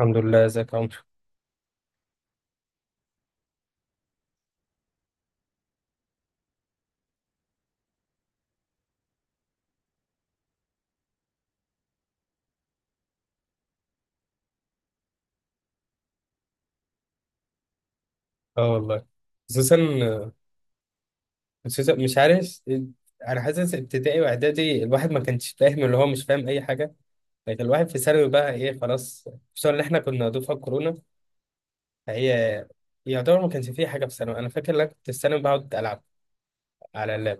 الحمد لله، ازيك يا عمرو؟ اه والله. خصوصا، مش عارف. انا حاسس ابتدائي واعدادي الواحد ما كانش فاهم اللي هو مش فاهم اي حاجه. لكن الواحد في ثانوي بقى ايه خلاص. خصوصا ان احنا كنا دفعه كورونا، فهي يعتبر ما كانش فيه حاجه في ثانوي. انا فاكر لك كنت في ثانوي بقعد العب على اللاب.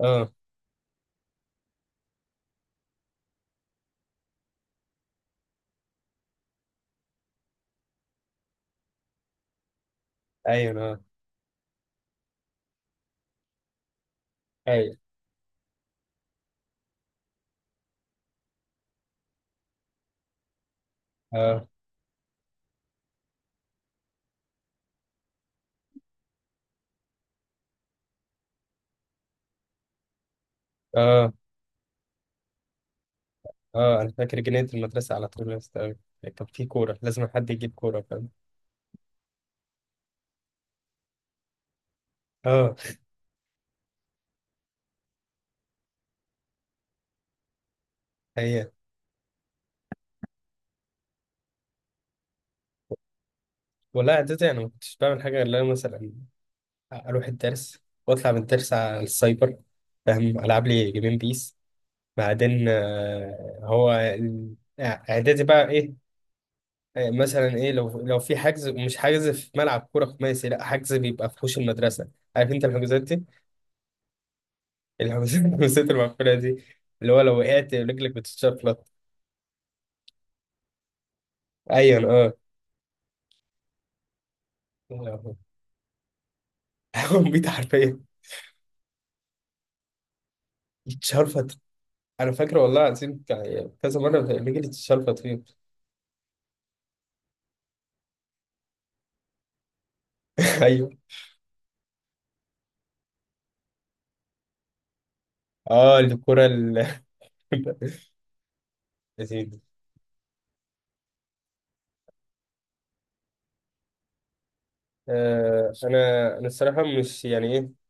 اه. ايوه، اه. ايوه، اه. اه. اه. انا فاكر جنينه المدرسه على طول يا اسطى. كان في كوره لازم حد يجيب كوره، فاهم؟ اه. هي. والله اعدادي انا ما كنتش بعمل حاجه غير إن أنا مثلا اروح الدرس واطلع من الدرس على السايبر، فاهم، العب لي جيمين بيس. بعدين اعدادي بقى ايه، مثلا ايه، لو في حجز، مش حجز في ملعب كوره خماسي، لا حجز بيبقى في حوش المدرسه. عارف انت الحجوزات دي؟ الحجوزات الحجوزات المقفوله دي، اللي هو لو وقعت رجلك بتتشفلط. ايوه، اه. هقوم بيت حرفيا. يتشرفط. انا فاكر والله العظيم كذا مره رجلي اتشرفط فيه. ايوه، اه. الكوره ال... انا الصراحه مش يعني ايه.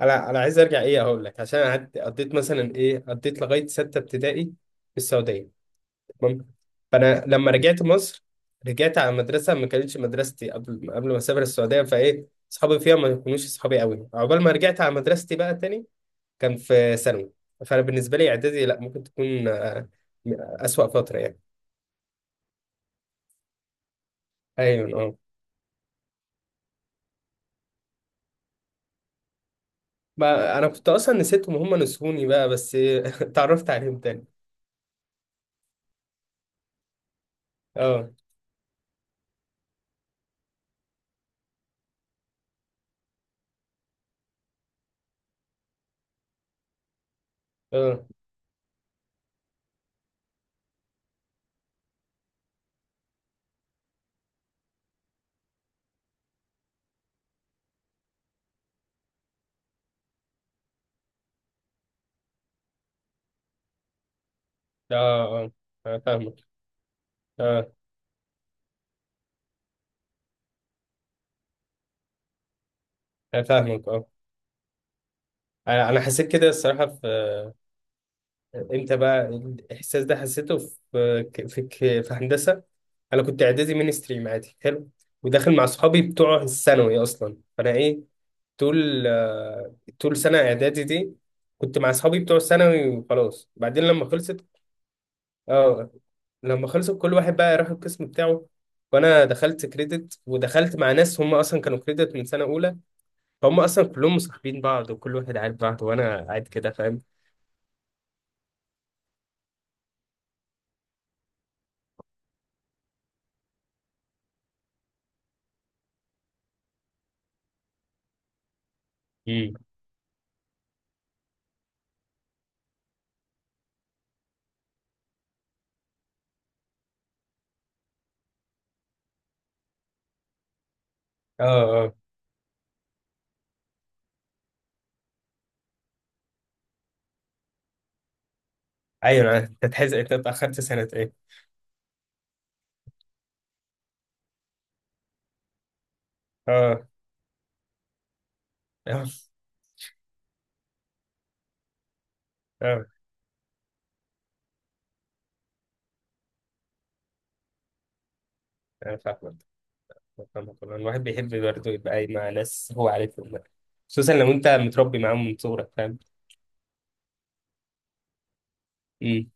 انا عايز ارجع ايه، اقول لك، عشان قعدت قضيت مثلا ايه، قضيت لغايه سته ابتدائي في السعوديه، تمام؟ فانا لما رجعت مصر، رجعت على مدرسه ما كانتش مدرستي، قبل ما اسافر السعوديه، فايه اصحابي فيها ما يكونوش اصحابي قوي، عقبال ما رجعت على مدرستي بقى تاني كان في ثانوي. فانا بالنسبه لي اعدادي لا، ممكن تكون اسوأ فتره يعني. ايوه، اه. ما انا كنت اصلا نسيتهم، هم نسوني بقى بس. اتعرفت عليهم تاني. اه. اه. اه. اه. انا فاهمك. اه. انا فاهمك. اه. انا حسيت كده الصراحه في، امتى بقى الاحساس ده حسيته، في هندسه انا كنت اعدادي مين ستريم عادي حلو، وداخل مع صحابي بتوع الثانوي اصلا، فانا ايه طول، طول سنه اعدادي دي كنت مع صحابي بتوع الثانوي وخلاص. بعدين لما خلصت. اه. لما خلصت كل واحد بقى راح القسم بتاعه، وانا دخلت كريدت ودخلت مع ناس هم اصلا كانوا كريدت من سنه اولى، هم اصلا كلهم مصاحبين بعض وكل واحد عارف بعض، وانا قاعد كده، فاهم؟ امم. اه. اه. ايوه، انت تحز انت اتاخرت سنه ايه. اه. اه. اه. انا فاهمك. فاهمك والله. الواحد بيحب برضه يبقى قاعد مع ناس هو عارفهم بقى. خصوصا لو انت متربي معاهم من صغرك، فاهم؟ امم.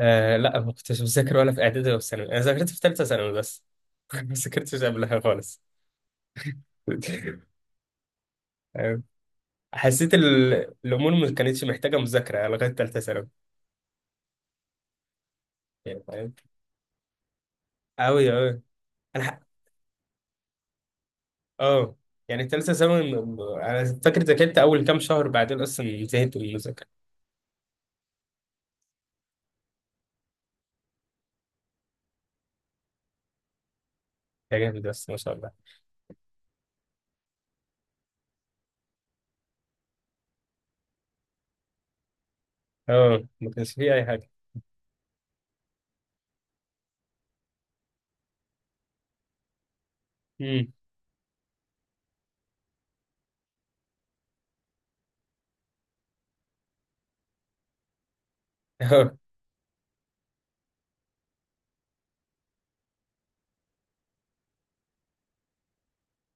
آه لا، ما كنتش بذاكر ولا في اعدادي ولا في ثانوي. انا ذاكرت في ثالثه ثانوي بس. ما ذاكرتش قبلها خالص. أيوة. حسيت الامور ما كانتش محتاجه مذاكره لغايه ثالثه ثانوي، يعني فاهم؟ قوي قوي. انا. اه. يعني التالتة ثانوي انا فاكر ذاكرت اول كام شهر، بعدين اصلا زهقت من المذاكرة. يا جامد بس، ما شاء الله. اه ما كانش فيه اي حاجة. امم. اه.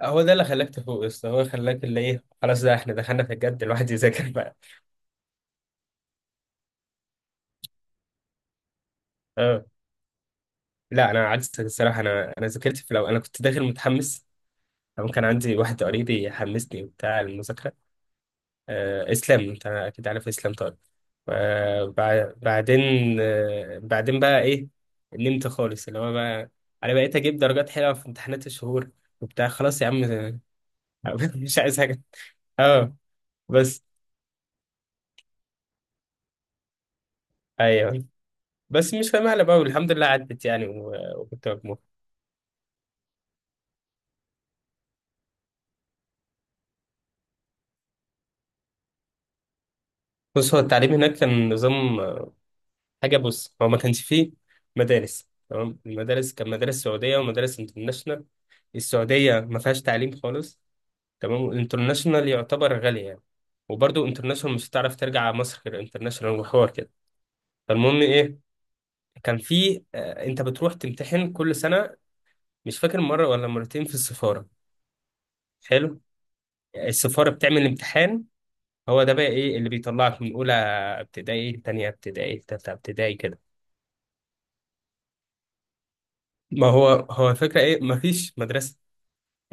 هو ده اللي خلاك تفوق يا اسطى، هو خلاك اللي ايه خلاص ده احنا دخلنا في الجد الواحد يذاكر بقى. اه. لا انا عكسك الصراحة، انا ذاكرت في الاول، انا كنت داخل متحمس، أو كان عندي واحد قريبي حمسني وبتاع المذاكرة. اسلام انت اكيد عارف اسلام، طيب. بعدين، بعدين بقى ايه، نمت خالص. اللي هو بقى انا بقيت اجيب درجات حلوه في امتحانات الشهور وبتاع، خلاص يا عم. مش عايز حاجه. اه. بس. ايوه. بس مش فاهم على بقى، والحمد لله عدت يعني، وكنت مجموع. بص هو التعليم هناك كان نظام، حاجه، بص هو ما كانش فيه مدارس، تمام؟ المدارس كان مدارس سعوديه ومدارس انترناشونال. السعوديه ما فيهاش تعليم خالص، تمام، والانترناشونال يعتبر غالي يعني. وبرضه انترناشونال مش هتعرف ترجع على مصر غير انترناشونال وحوار كده. فالمهم ايه، كان في، انت بتروح تمتحن كل سنه، مش فاكر مره ولا مرتين، في السفاره. حلو. السفاره بتعمل امتحان، هو ده بقى ايه اللي بيطلعك من اولى ابتدائي لتانية ابتدائي لتالتة ابتدائي كده. ما هو هو الفكره ايه، مفيش مدرسه،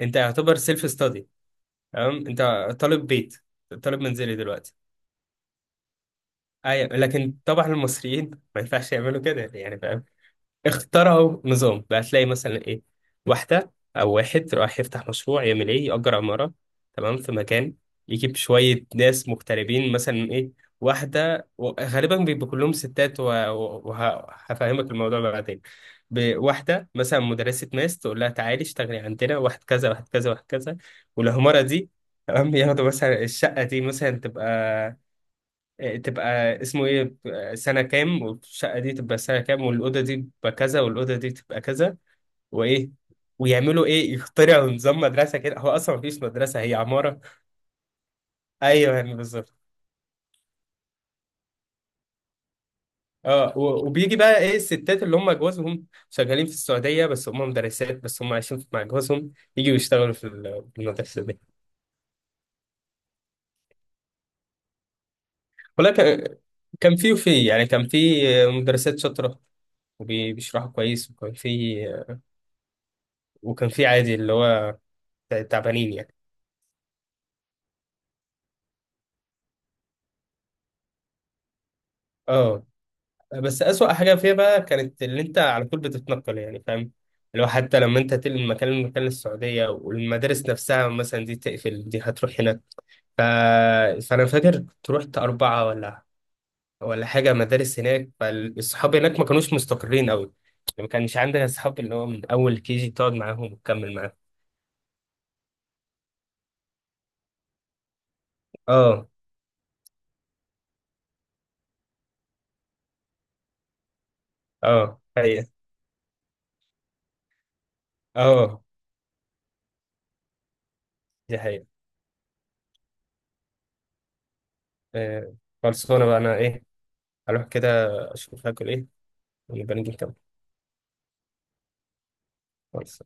انت يعتبر سيلف ستادي، تمام؟ انت طالب بيت، طالب منزلي دلوقتي. ايوه لكن طبعا المصريين ما ينفعش يعملوا كده يعني، اخترعوا نظام بقى. تلاقي مثلا ايه واحدة او واحد رايح يفتح مشروع يعمل ايه، يأجر عمارة، تمام، في مكان، يجيب شوية ناس مغتربين مثلا ايه، غالبا بيبقوا كلهم ستات وهفهمك الموضوع بقى بعدين. واحدة مثلا مدرسة ماس، تقول لها تعالي اشتغلي عندنا، واحد كذا واحد كذا واحد كذا، والعمارة دي، تمام، ياخدوا مثلا الشقة دي مثلا تبقى، تبقى اسمه ايه، سنة كام، والشقة دي تبقى سنة كام، والأوضة دي تبقى كذا، والأوضة دي تبقى كذا، وإيه ويعملوا إيه، يخترعوا نظام مدرسة كده، هو أصلا مفيش مدرسة هي عمارة. أيوه يعني بالظبط. اه وبيجي بقى ايه الستات اللي هم جوازهم شغالين في السعودية، بس هم مدرسات، بس هم عايشين مع جوازهم، يجوا يشتغولوا في في المدرسة دي. والله كان، كان في وفي يعني، كان في مدرسات شاطرة وبيشرحوا كويس، وكان في، وكان في عادي اللي هو تعبانين يعني. اه. بس أسوأ حاجة فيها بقى كانت اللي أنت على طول بتتنقل، يعني فاهم، اللي هو حتى لما أنت تنقل من مكان لمكان للسعودية، والمدارس نفسها مثلا دي تقفل، دي هتروح هناك، ف... فأنا فاكر كنت رحت أربعة ولا، ولا حاجة مدارس هناك، فالصحاب هناك ما كانوش مستقرين أوي يعني، ما كانش عندنا أصحاب اللي هو من أول كي جي تقعد معاهم وتكمل معاهم. أه. أه حقيقة. أه. دي حقيقة. آه، خلصانة بقى أنا إيه، أروح كده أشوف هاكل إيه، ونبقى نيجي نكمل. خلص.